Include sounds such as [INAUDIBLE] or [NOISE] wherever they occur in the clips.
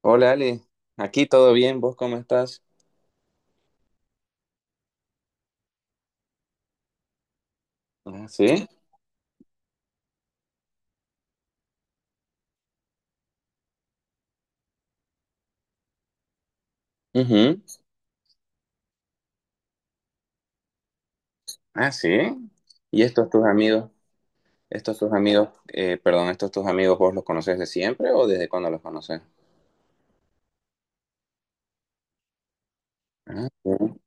Hola Ale, aquí todo bien, ¿vos cómo estás? Ah, sí. Ujú. Ah, sí. ¿Y estos tus amigos? ¿Estos tus amigos, perdón, estos tus amigos vos los conoces de siempre o desde cuándo los conoces? Ah, sí.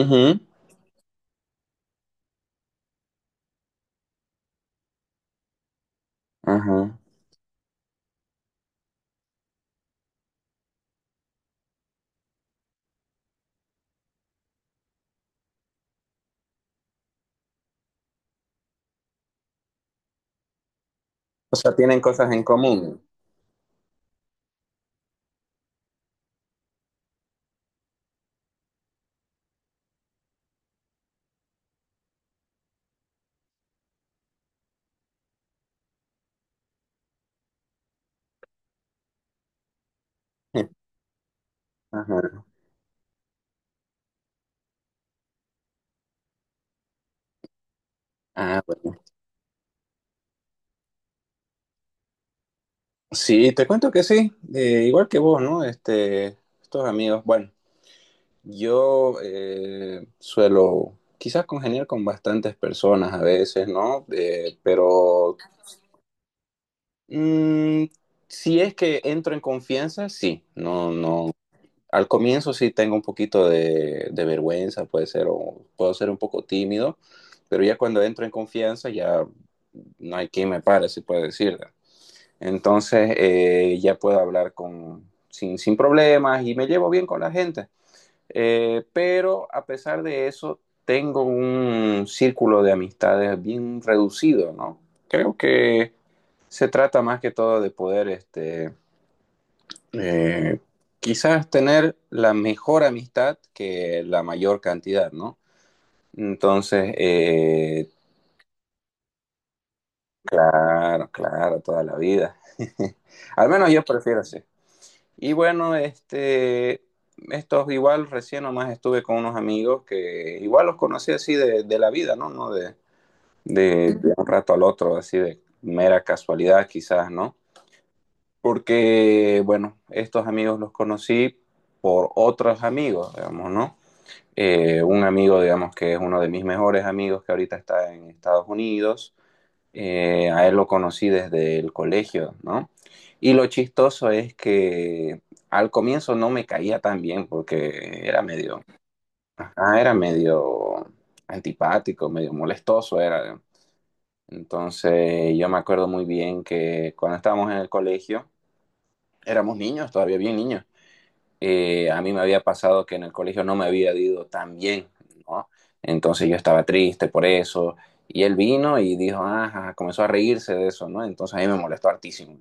Ujú. Ajá. O sea, tienen cosas en común. [LAUGHS] Ajá. Ah, bueno. Sí, te cuento que sí, igual que vos, ¿no? Estos amigos, bueno, yo suelo quizás congeniar con bastantes personas a veces, ¿no? Pero mm, si es que entro en confianza, sí. No, no. Al comienzo sí tengo un poquito de vergüenza, puede ser, o puedo ser un poco tímido, pero ya cuando entro en confianza ya no hay quien me pare, se puede decir. Entonces ya puedo hablar con, sin problemas y me llevo bien con la gente. Pero a pesar de eso, tengo un círculo de amistades bien reducido, ¿no? Creo que se trata más que todo de poder, eh, quizás tener la mejor amistad que la mayor cantidad, ¿no? Entonces, eh, claro, claro, toda la vida. [LAUGHS] Al menos yo prefiero así. Y bueno, estos igual recién nomás estuve con unos amigos que igual los conocí así de la vida, ¿no? De un rato al otro, así de mera casualidad quizás, ¿no? Porque, bueno, estos amigos los conocí por otros amigos, digamos, ¿no? Un amigo, digamos, que es uno de mis mejores amigos que ahorita está en Estados Unidos, a él lo conocí desde el colegio, ¿no? Y lo chistoso es que al comienzo no me caía tan bien porque era era medio antipático, medio molestoso era. Entonces yo me acuerdo muy bien que cuando estábamos en el colegio, éramos niños, todavía bien niños, a mí me había pasado que en el colegio no me había ido tan bien, ¿no? Entonces yo estaba triste por eso. Y él vino y dijo, ajá, comenzó a reírse de eso, ¿no? Entonces a mí me molestó hartísimo.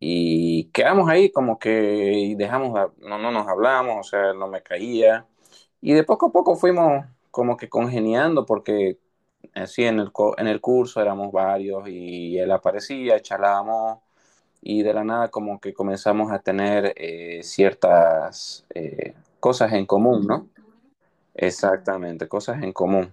Y quedamos ahí como que dejamos, no, no nos hablamos, o sea, no me caía. Y de poco a poco fuimos como que congeniando porque así en en el curso éramos varios y él aparecía, charlábamos y de la nada como que comenzamos a tener ciertas cosas en común, ¿no? Exactamente, cosas en común.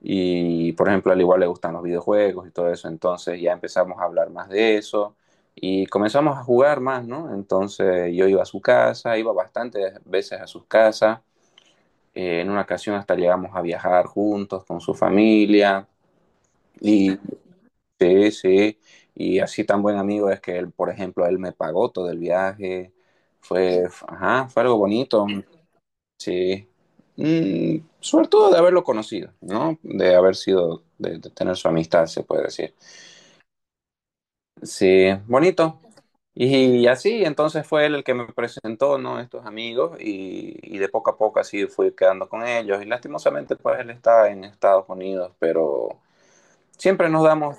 Y por ejemplo, al igual le gustan los videojuegos y todo eso, entonces ya empezamos a hablar más de eso y comenzamos a jugar más, ¿no? Entonces yo iba a su casa, iba bastantes veces a sus casas, en una ocasión hasta llegamos a viajar juntos con su familia y sí, sí, y así tan buen amigo es que él, por ejemplo, él me pagó todo el viaje, ajá, fue algo bonito, sí, mm, sobre todo de haberlo conocido, ¿no? De haber sido, de tener su amistad, se puede decir. Sí, bonito. Y, así, entonces fue él el que me presentó, ¿no? Estos amigos y de poco a poco así fui quedando con ellos y lastimosamente pues él está en Estados Unidos, pero siempre nos damos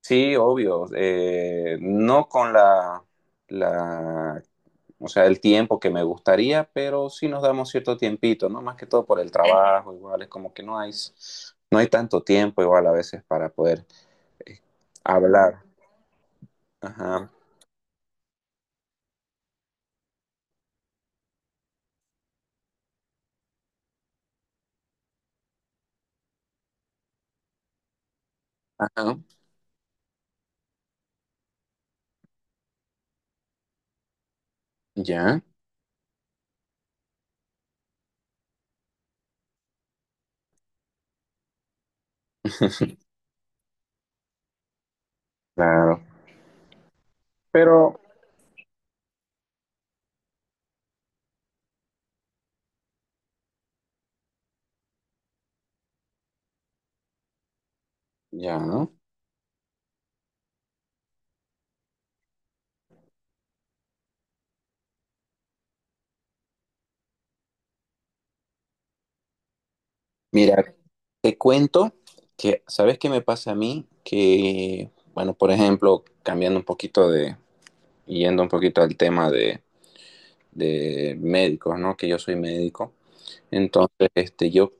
sí, obvio. No con la, la, o sea, el tiempo que me gustaría, pero sí nos damos cierto tiempito, ¿no? Más que todo por el trabajo, igual es como que no hay, no hay tanto tiempo igual a veces para poder eh, hablar. Ajá, ajá, ya, [LAUGHS] claro. Pero, ya, ¿no? Mira, te cuento que, ¿sabes qué me pasa a mí? Que, bueno, por ejemplo, cambiando un poquito de, yendo un poquito al tema de médicos, ¿no? Que yo soy médico. Entonces, este, yo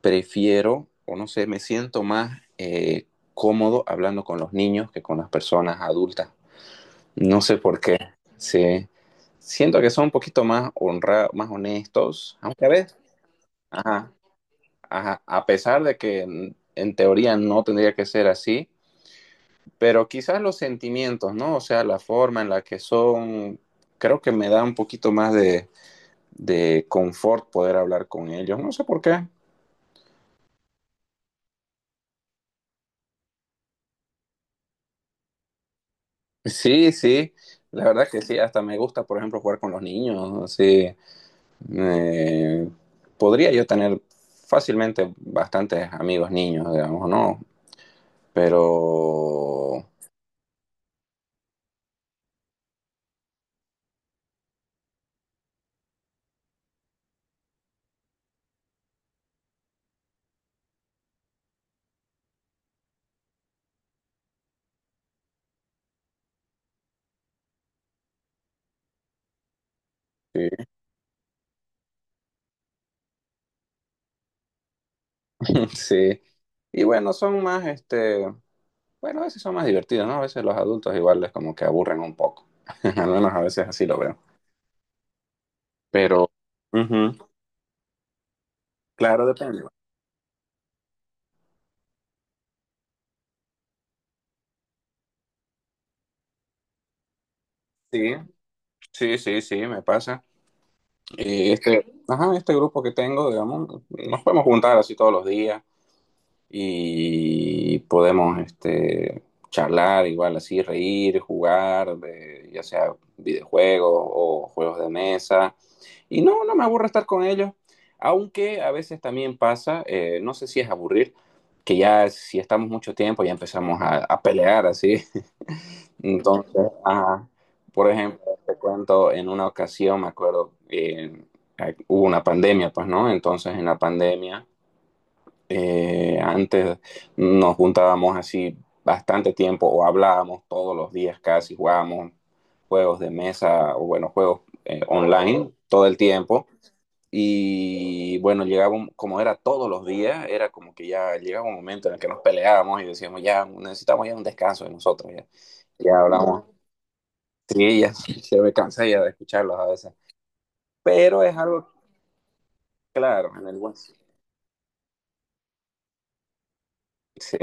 prefiero, o no sé, me siento más cómodo hablando con los niños que con las personas adultas. No sé por qué. Sí. Siento que son un poquito más honrados, más honestos, aunque a veces, ajá, ajá, a pesar de que en teoría no tendría que ser así, pero quizás los sentimientos, ¿no? O sea, la forma en la que son, creo que me da un poquito más de confort poder hablar con ellos. No sé por qué. Sí, sí. La verdad que sí, hasta me gusta, por ejemplo, jugar con los niños. Sí. Eh, podría yo tener fácilmente bastantes amigos niños, digamos, ¿no? Pero sí, [LAUGHS] sí. Y bueno, son más, bueno, a veces son más divertidos, ¿no? A veces los adultos igual les como que aburren un poco. [LAUGHS] Al menos a veces así lo veo. Pero, ujú, claro, depende. Sí, sí, sí, sí, me pasa. Este grupo que tengo, digamos, nos podemos juntar así todos los días y podemos charlar igual así, reír, jugar, ya sea videojuegos o juegos de mesa. Y no, no me aburre estar con ellos, aunque a veces también pasa, no sé si es aburrir, que ya si estamos mucho tiempo ya empezamos a pelear así. Entonces, ajá, por ejemplo, te cuento, en una ocasión, me acuerdo, ay, hubo una pandemia, pues, ¿no? Entonces, en la pandemia, antes nos juntábamos así bastante tiempo o hablábamos todos los días casi, jugábamos juegos de mesa o, bueno, juegos online todo el tiempo. Y bueno, llegábamos, como era todos los días, era como que ya llegaba un momento en el que nos peleábamos y decíamos, ya necesitamos ya un descanso de nosotros, ya, ya hablamos sí, ya se me cansa ya de escucharlos a veces. Pero es algo claro en el hueso. Sí,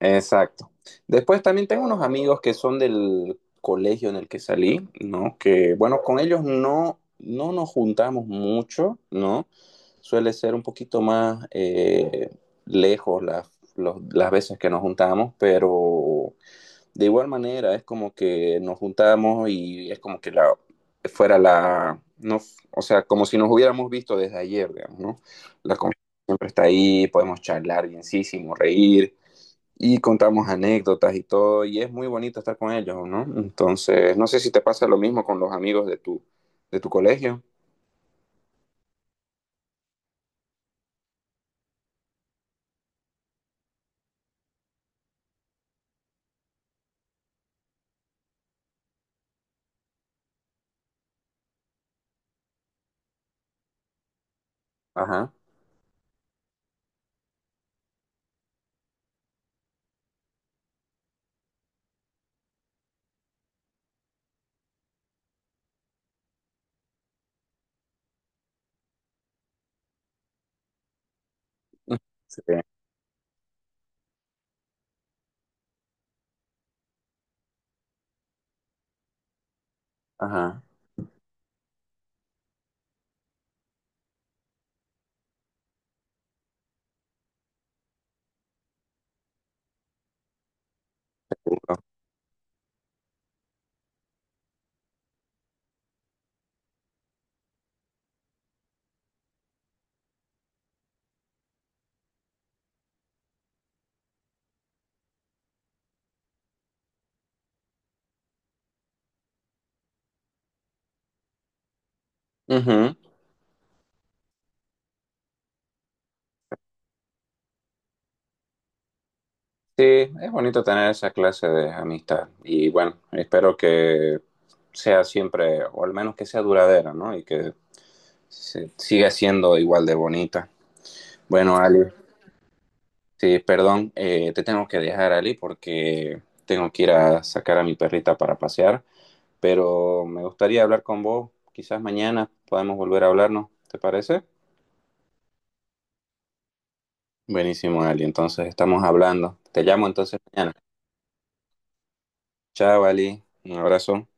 exacto. Después también tengo unos amigos que son del colegio en el que salí, ¿no? Que bueno, con ellos no, no nos juntamos mucho, ¿no? Suele ser un poquito más lejos las veces que nos juntamos, pero de igual manera, es como que nos juntamos y es como que la, fuera la, no, o sea, como si nos hubiéramos visto desde ayer, digamos, ¿no? La confianza siempre está ahí, podemos charlar bienísimo, reír y contamos anécdotas y todo, y es muy bonito estar con ellos, ¿no? Entonces, no sé si te pasa lo mismo con los amigos de tu colegio. Ajá. [LAUGHS] Sí. Ajá. Ujú. Sí, es bonito tener esa clase de amistad y bueno, espero que sea siempre, o al menos que sea duradera, ¿no? Y que siga siendo igual de bonita. Bueno, Ali, sí, perdón, te tengo que dejar, Ali, porque tengo que ir a sacar a mi perrita para pasear, pero me gustaría hablar con vos, quizás mañana podemos volver a hablarnos, ¿te parece? Buenísimo, Ali, entonces estamos hablando. Te llamo entonces mañana. Chao, Ali, un abrazo.